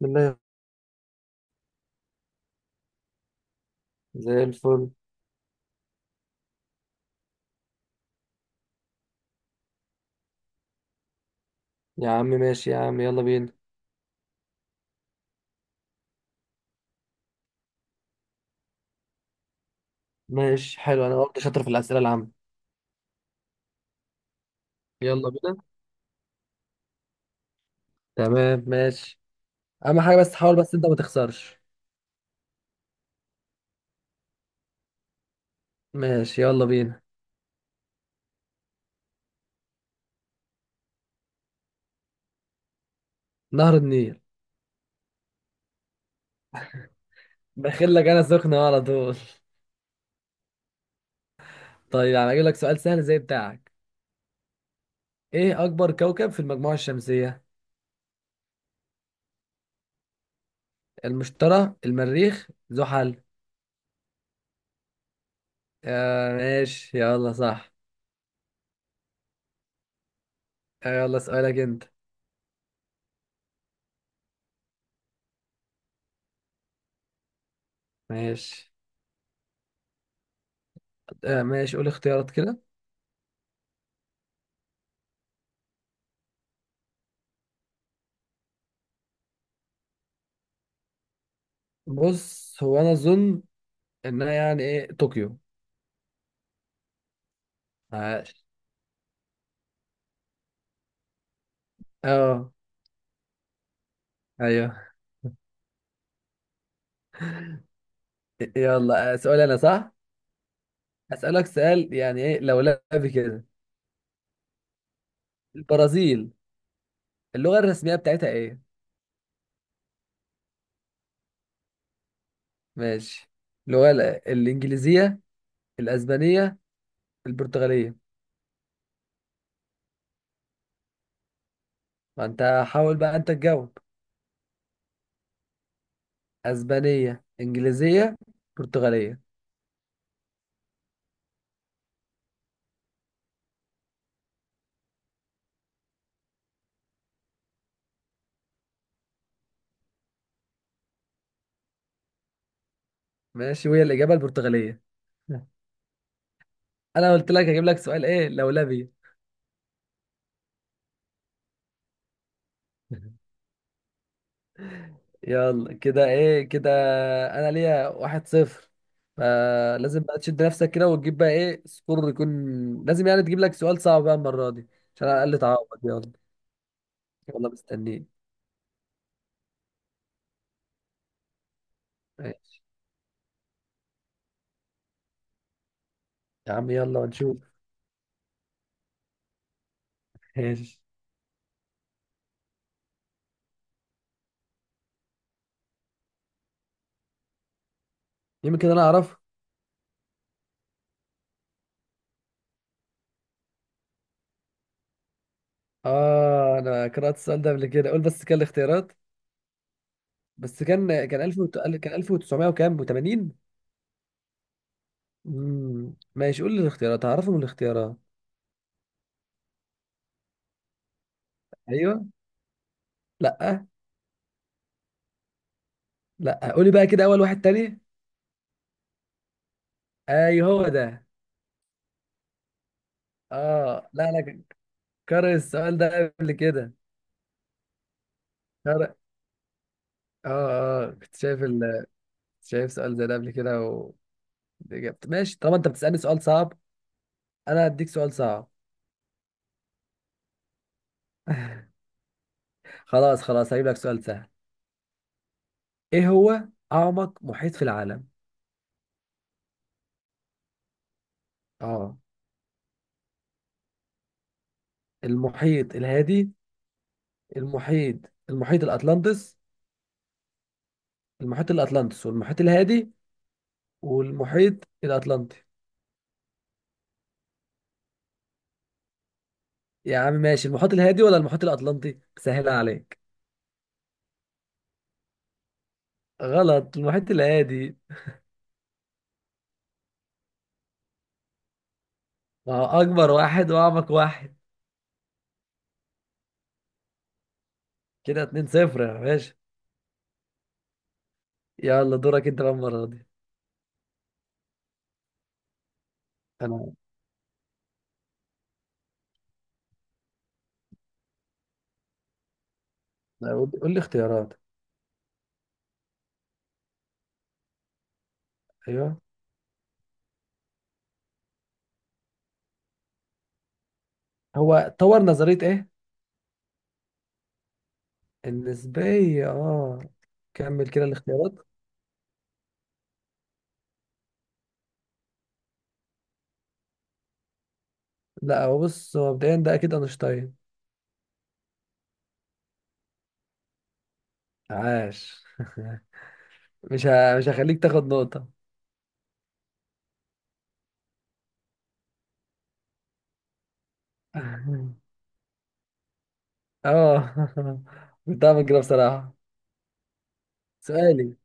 بالله. زي الفل. يا عم ماشي يا عم، يلا بينا. ماشي حلو، انا برضه شاطر في الاسئله العامه. يلا بينا. تمام ماشي. اهم حاجه بس، حاول بس انت ما تخسرش. ماشي يلا بينا. نهر النيل. بخيل لك انا سخنه على طول. طيب انا اجيب لك سؤال سهل زي بتاعك. ايه اكبر كوكب في المجموعه الشمسيه؟ المشتري، المريخ، زحل. آه ماشي يلا صح. آه يلا سؤالك انت. ماشي. آه ماشي قول اختيارات كده. بص هو انا اظن انها يعني ايه طوكيو. عاش. اه. ايوه. يلا آه، سؤال انا صح. اسالك سؤال يعني ايه لو لعب كده. البرازيل. اللغه الرسميه بتاعتها ايه؟ ماشي. اللغه الانجليزيه، الاسبانيه، البرتغاليه. ما انت حاول بقى انت تجاوب. اسبانيه، انجليزيه، برتغاليه. ماشي، وهي الاجابه البرتغاليه. انا قلت لك هجيب لك سؤال ايه لولبي. يلا كده ايه كده. انا ليا واحد صفر، فلازم بقى تشد نفسك كده وتجيب بقى ايه سكور يكون. لازم يعني تجيب لك سؤال صعب بقى المرة دي، عشان على الاقل تعوض. يلا. يلا مستنيين. ماشي يا عم يلا ونشوف. ماشي. يمكن انا اعرفه. اه انا قرأت السؤال ده قبل كده، قول بس كان الاختيارات. بس كان كان 1000 كان 1900 وكام و80. ماشي قول لي الاختيارات، هعرفه من الاختيارات. ايوه. لا. لا قولي بقى كده اول واحد تاني. ايوه هو ده. اه لا انا قارئ السؤال ده قبل كده. قارئ. اه اه كنت شايف ال... كنت شايف سؤال زي ده قبل كده و... إجابة. ماشي طالما انت بتسألني سؤال صعب، انا هديك سؤال صعب. خلاص خلاص هجيب لك سؤال سهل. ايه هو اعمق محيط في العالم؟ اه. المحيط الهادي، المحيط، المحيط الاطلنطس. المحيط الاطلنطس والمحيط الهادي والمحيط الاطلنطي. يا عم ماشي، المحيط الهادي ولا المحيط الاطلنطي، سهلها عليك. غلط، المحيط الهادي. ما هو اكبر واحد واعمق واحد. كده 2 0 يا باشا. يلا دورك انت بقى المره دي. انا. أنا قول، قول لي اختيارات. ايوه. هو طور نظريه ايه؟ النسبيه اه. كمل كده الاختيارات. لا، هو بص، هو مبدئيا ده اكيد اينشتاين. عاش. مش هخليك تاخد نقطه. اه. كنت هعمل كده بصراحه. سؤالي.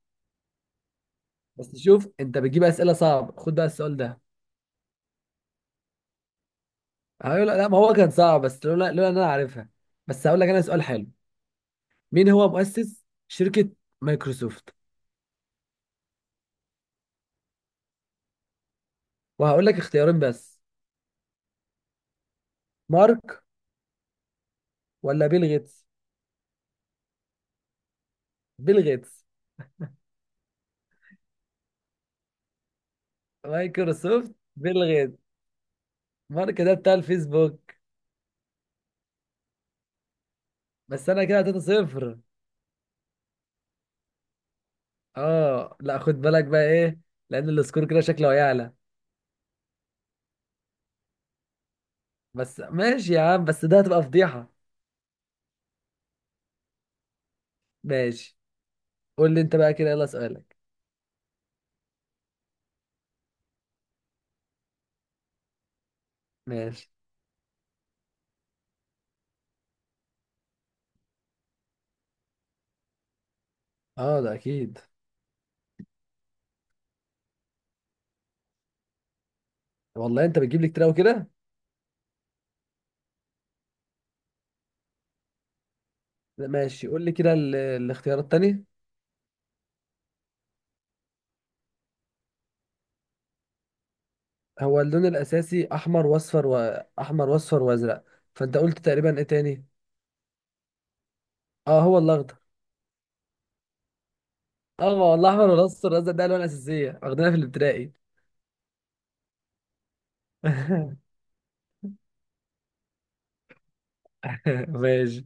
بس شوف انت بتجيب اسئله صعب، خد بقى السؤال ده. هقول لا، ما هو كان صعب، بس لولا ان انا عارفها. بس هقول لك انا سؤال حلو. مين هو مؤسس شركة مايكروسوفت؟ وهقول لك اختيارين بس. مارك، ولا بيل غيتس. بيل غيتس. مايكروسوفت بيل غيتس. مارك ده بتاع الفيسبوك. بس انا كده 3 صفر. اه لا، خد بالك بقى ايه، لان السكور كده شكله هيعلى. بس ماشي يا عم، بس ده هتبقى فضيحة. ماشي. قول لي انت بقى كده، يلا سؤالك. ماشي. اه ده اكيد. والله انت بتجيب لي كتير قوي كده. لا، ماشي قول لي كده الاختيارات التانية. هو اللون الاساسي احمر واصفر، واحمر واصفر وازرق. فانت قلت تقريبا ايه تاني؟ اه هو الاخضر. اه، ما هو الاحمر والاصفر والازرق ده الوان اساسيه، واخدينها في الابتدائي. ماشي،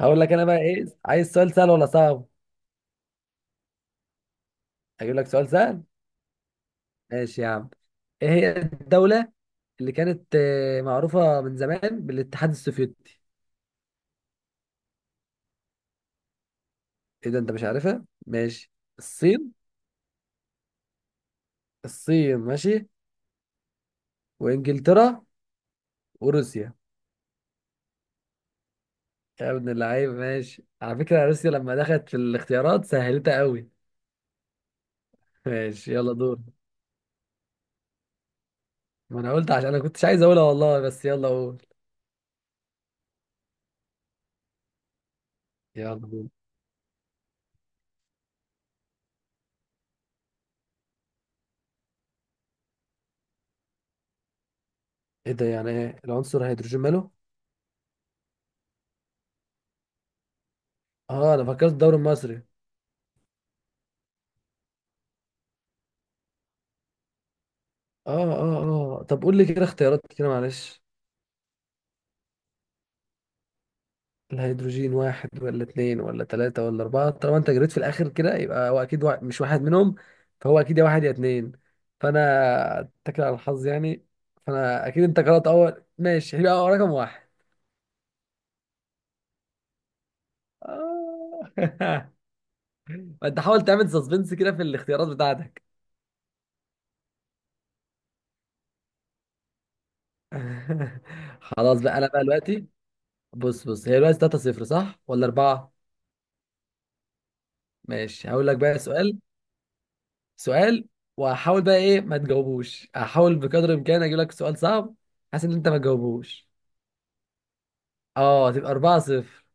هقول لك انا بقى ايه، عايز سؤال سهل ولا صعب؟ اجيب لك سؤال سهل. ماشي يا عم. ايه هي الدوله اللي كانت معروفه من زمان بالاتحاد السوفيتي؟ ايه ده، انت مش عارفها؟ ماشي. الصين. الصين ماشي. وانجلترا. وروسيا. يا ابن اللعيب. ماشي، على فكرة روسيا لما دخلت في الاختيارات سهلتها قوي. ماشي يلا دور. ما انا قلت عشان انا كنتش عايز اقولها والله، بس يلا قول. يلا دور. ايه ده، يعني ايه العنصر هيدروجين ماله؟ اه انا فكرت الدوري المصري. اه اه. اه طب قول لي كده اختيارات كده معلش. الهيدروجين واحد ولا اتنين ولا تلاتة ولا أربعة؟ طالما أنت جريت في الآخر كده يبقى هو أكيد مش واحد منهم. فهو أكيد يا واحد يا اتنين. فأنا أتكل على الحظ يعني. فأنا أكيد أنت قرأت أول، ماشي هيبقى رقم واحد. آه. ما انت حاول تعمل سسبنس كده في الاختيارات بتاعتك. خلاص بقى، انا بقى دلوقتي بص بص، هي دلوقتي 3 0 صح ولا 4؟ ماشي هقول لك بقى سؤال. سؤال وهحاول بقى ايه ما تجاوبوش، هحاول بقدر الامكان اجيب لك سؤال صعب. حاسس ان انت ما تجاوبوش. اه تبقى 4 0.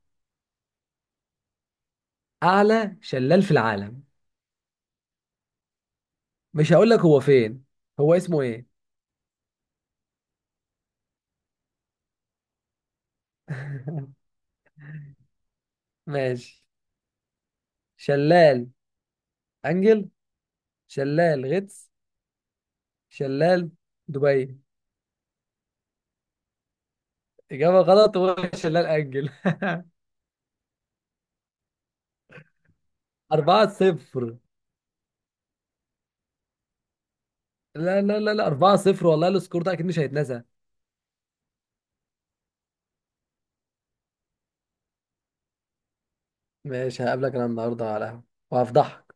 اعلى شلال في العالم. مش هقول لك هو فين، هو اسمه ايه. ماشي. شلال انجل، شلال غطس، شلال دبي. إجابة غلط، وش لا نأجل. 4 0. لا لا لا لا، 4 0 والله السكور ده أكيد مش هيتنسى. ماشي هقابلك أنا النهاردة على القهوة وهفضحك.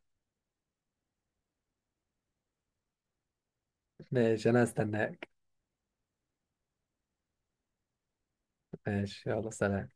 ماشي أنا هستناك. ماشي يلا سلام.